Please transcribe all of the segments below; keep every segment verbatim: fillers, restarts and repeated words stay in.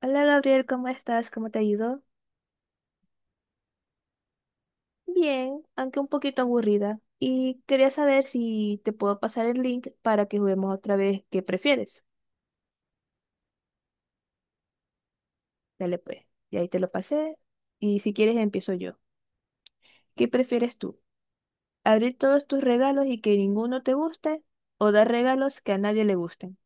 Hola Gabriel, ¿cómo estás? ¿Cómo te ha ido? Bien, aunque un poquito aburrida. Y quería saber si te puedo pasar el link para que juguemos otra vez. ¿Qué prefieres? Dale pues. Y ahí te lo pasé. Y si quieres empiezo yo. ¿Qué prefieres tú? ¿Abrir todos tus regalos y que ninguno te guste? ¿O dar regalos que a nadie le gusten?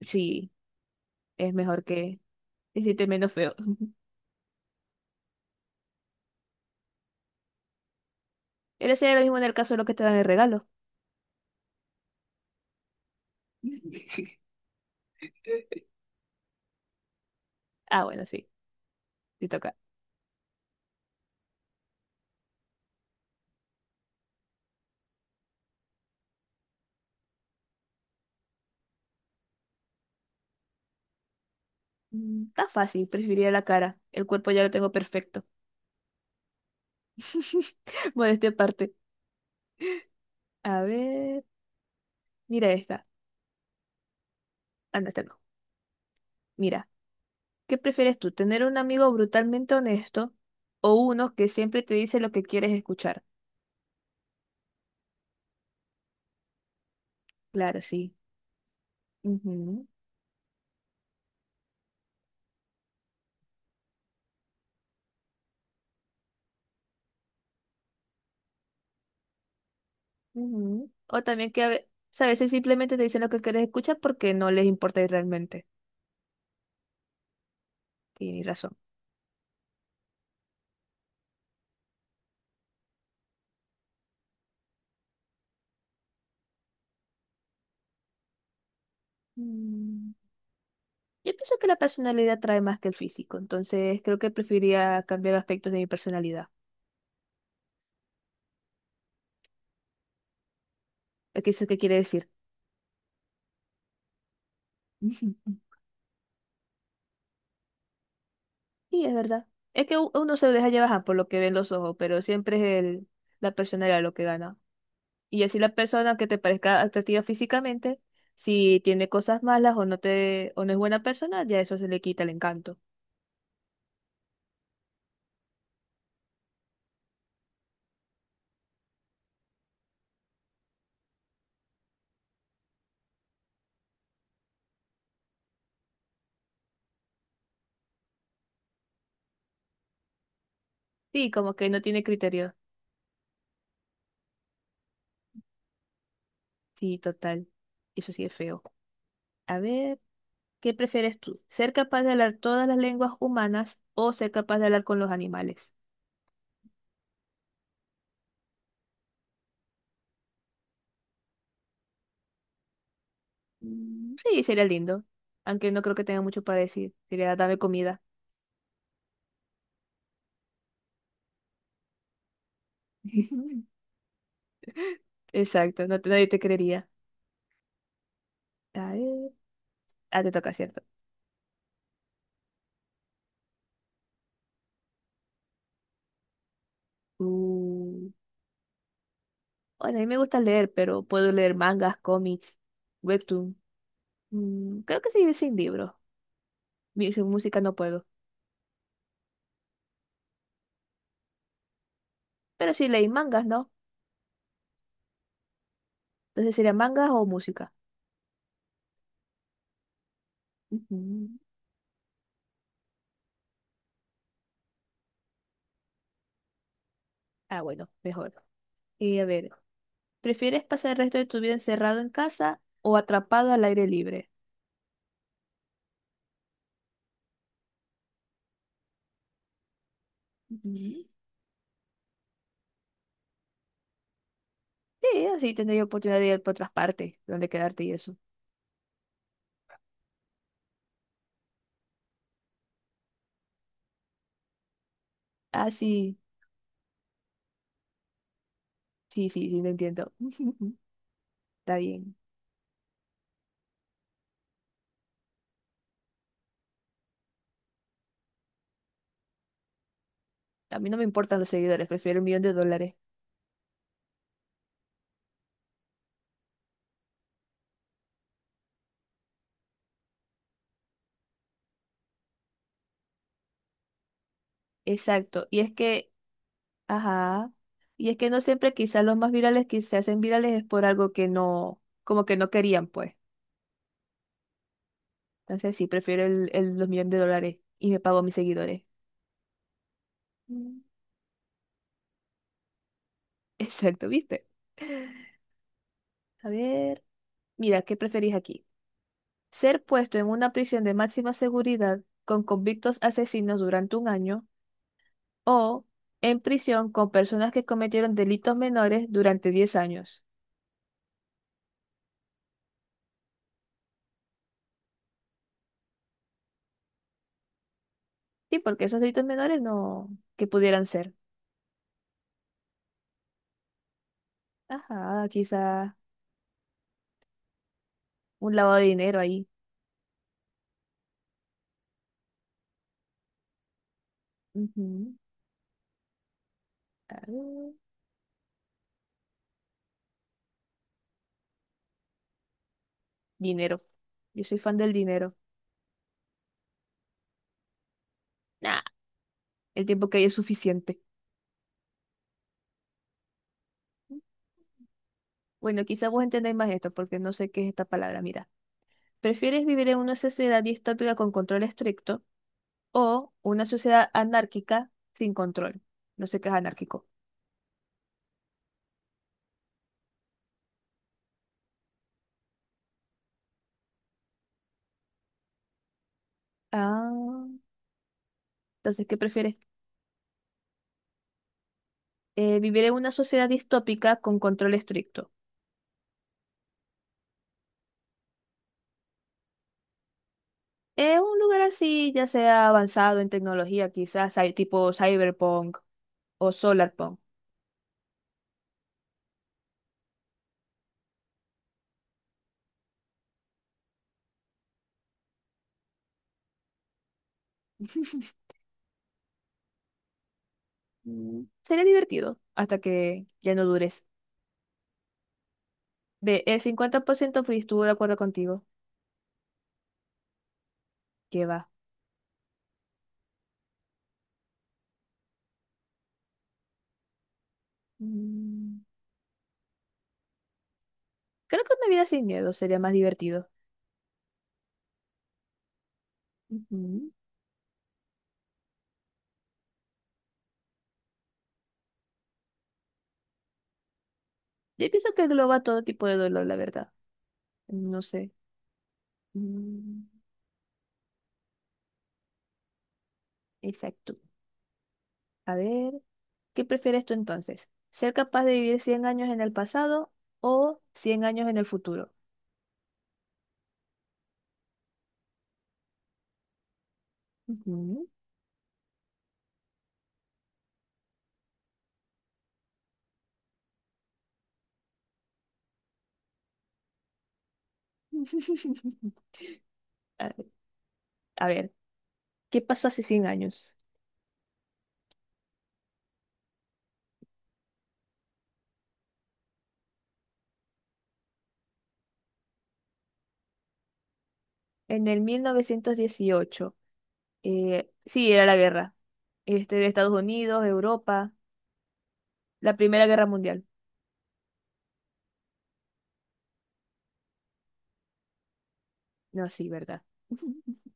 Sí, es mejor que hiciste menos feo. Pero sería lo mismo en el caso de lo que te dan el regalo. Ah, bueno, sí, te toca. Mm, Está fácil, preferiría la cara. El cuerpo ya lo tengo perfecto. Modestia aparte. A ver, mira esta. Ah, no, esta no. Mira, ¿qué prefieres tú? ¿Tener un amigo brutalmente honesto o uno que siempre te dice lo que quieres escuchar? Claro, sí. Ujú, ujú. O también que a ve- o sea, a veces simplemente te dicen lo que quieres escuchar porque no les importa y realmente. Tienes razón. Mm, Yo pienso que la personalidad trae más que el físico, entonces creo que preferiría cambiar aspectos de mi personalidad. ¿Qué es eso que quiere decir? Sí, es verdad. Es que u- uno se deja llevar ajá, por lo que ven los ojos, pero siempre es el, la personalidad lo que gana. Y así la persona que te parezca atractiva físicamente, si tiene cosas malas o no te, o no es buena persona, ya eso se le quita el encanto. Sí, como que no tiene criterio. Sí, total. Eso sí es feo. A ver, ¿qué prefieres tú? ¿Ser capaz de hablar todas las lenguas humanas o ser capaz de hablar con los animales? Mm, Sí, sería lindo. Aunque no creo que tenga mucho para decir. Sería dame comida. Exacto, no te, nadie te creería. A ver, ah, te toca, ¿cierto? Mm, bueno, a mí me gusta leer, pero puedo leer mangas, cómics, webtoon. Mm, creo que se vive sin libros. Mi- Sin música no puedo. Pero si leí mangas, ¿no? Entonces sería mangas o música. Ujú. Ah, bueno, mejor. Y a ver, ¿prefieres pasar el resto de tu vida encerrado en casa o atrapado al aire libre? Ujú. Sí, así tendría oportunidad de ir por otras partes, donde quedarte y eso. Ah, sí, sí, sí, sí, lo entiendo. Está bien. A mí no me importan los seguidores, prefiero un millón de dólares. Exacto. Y es que, ajá. Y es que no siempre quizás los más virales que se hacen virales es por algo que no, como que no querían, pues. Entonces sí, prefiero el, el- los millones de dólares y me pago a mis seguidores. Mm. Exacto, ¿viste? A ver. Mira, ¿qué preferís aquí? ¿Ser puesto en una prisión de máxima seguridad con convictos asesinos durante un año o en prisión con personas que cometieron delitos menores durante diez años? Sí, porque esos delitos menores no, que pudieran ser. Ajá, quizá un lavado de dinero ahí. Ujú, claro. Dinero. Yo soy fan del dinero. Nah, el tiempo que hay es suficiente. Bueno, quizá vos entendáis más esto, porque no sé qué es esta palabra. Mira, ¿prefieres vivir en una sociedad distópica con control estricto o una sociedad anárquica sin control? No sé qué es anárquico. Ah, entonces, ¿qué prefieres? Eh, vivir en una sociedad distópica con control estricto. Es un lugar así, ya sea avanzado en tecnología, quizás hay tipo cyberpunk o solarpunk. Mm, Sería divertido hasta que ya no dures. Ve, el cincuenta por ciento free, estuvo de acuerdo contigo. ¿Qué va? Mm, Creo que una vida sin miedo sería más divertido. Ujú. Yo pienso que engloba todo tipo de dolor, la verdad. No sé. Mm, Exacto. A ver, ¿qué prefieres tú entonces? ¿Ser capaz de vivir cien años en el pasado o cien años en el futuro? Ujú. A a ver, ¿qué pasó hace cien años? En el mil novecientos dieciocho, eh, sí, era la guerra. Este, de Estados Unidos, Europa, la Primera Guerra Mundial. No, sí, ¿verdad?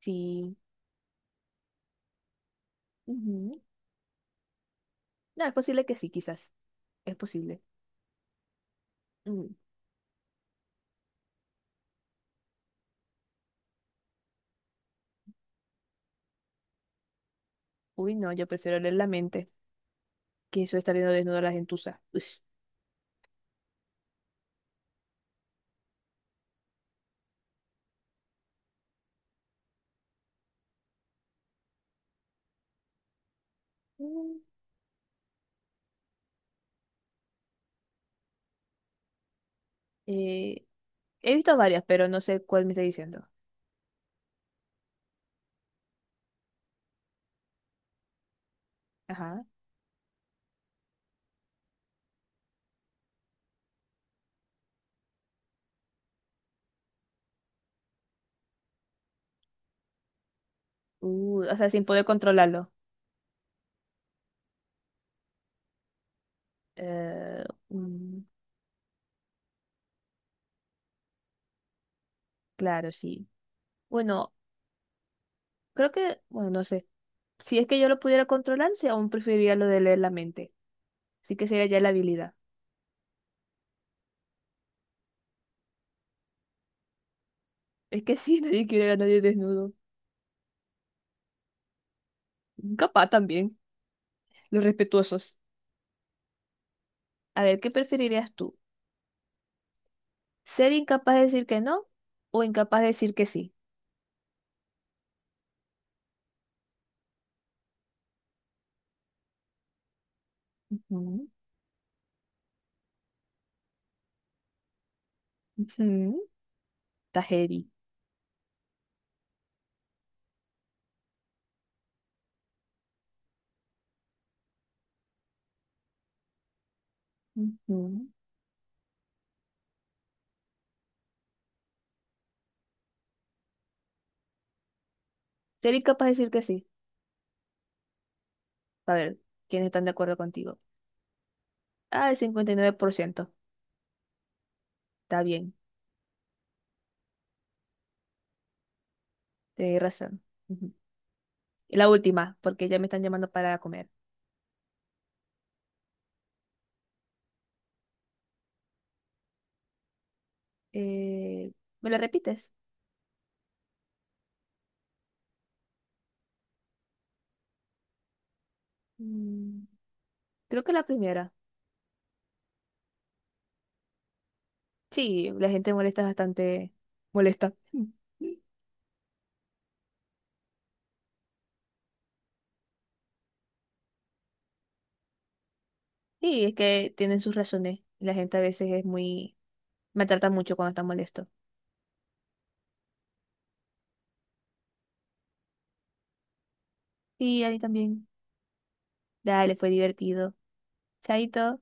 Sí. Ujú. No, es posible que sí, quizás. Es posible. Mm. Uy, no, yo prefiero leer la mente que eso de estar viendo desnuda a la gentuza. Ush. Mm. Eh, He visto varias, pero no sé cuál me está diciendo. Ajá. Uh, o sea, sin poder controlarlo. Eh, mm, claro, sí. Bueno, creo que, bueno, no sé. Si es que yo lo pudiera controlar, sí, aún preferiría lo de leer la mente. Así que sería ya la habilidad. Es que sí, nadie quiere ver a nadie desnudo. Capaz también, los respetuosos. A ver, ¿qué preferirías tú? ¿Ser incapaz de decir que no o incapaz de decir que sí? Ujú, ujú. Está heavy. Ujú. Ser incapaz de decir que sí. A ver, ¿quiénes están de acuerdo contigo? Ah, el cincuenta y nueve por ciento. Está bien, tenés razón. La última, porque ya me están llamando para comer. Eh, ¿Me la repites? Mm, Creo que la primera. Sí, la gente molesta bastante. Molesta. Mm. Sí, es que tienen sus razones. La gente a veces es muy. Me trata mucho cuando está molesto. Y a mí también. Dale, fue divertido. Chaito.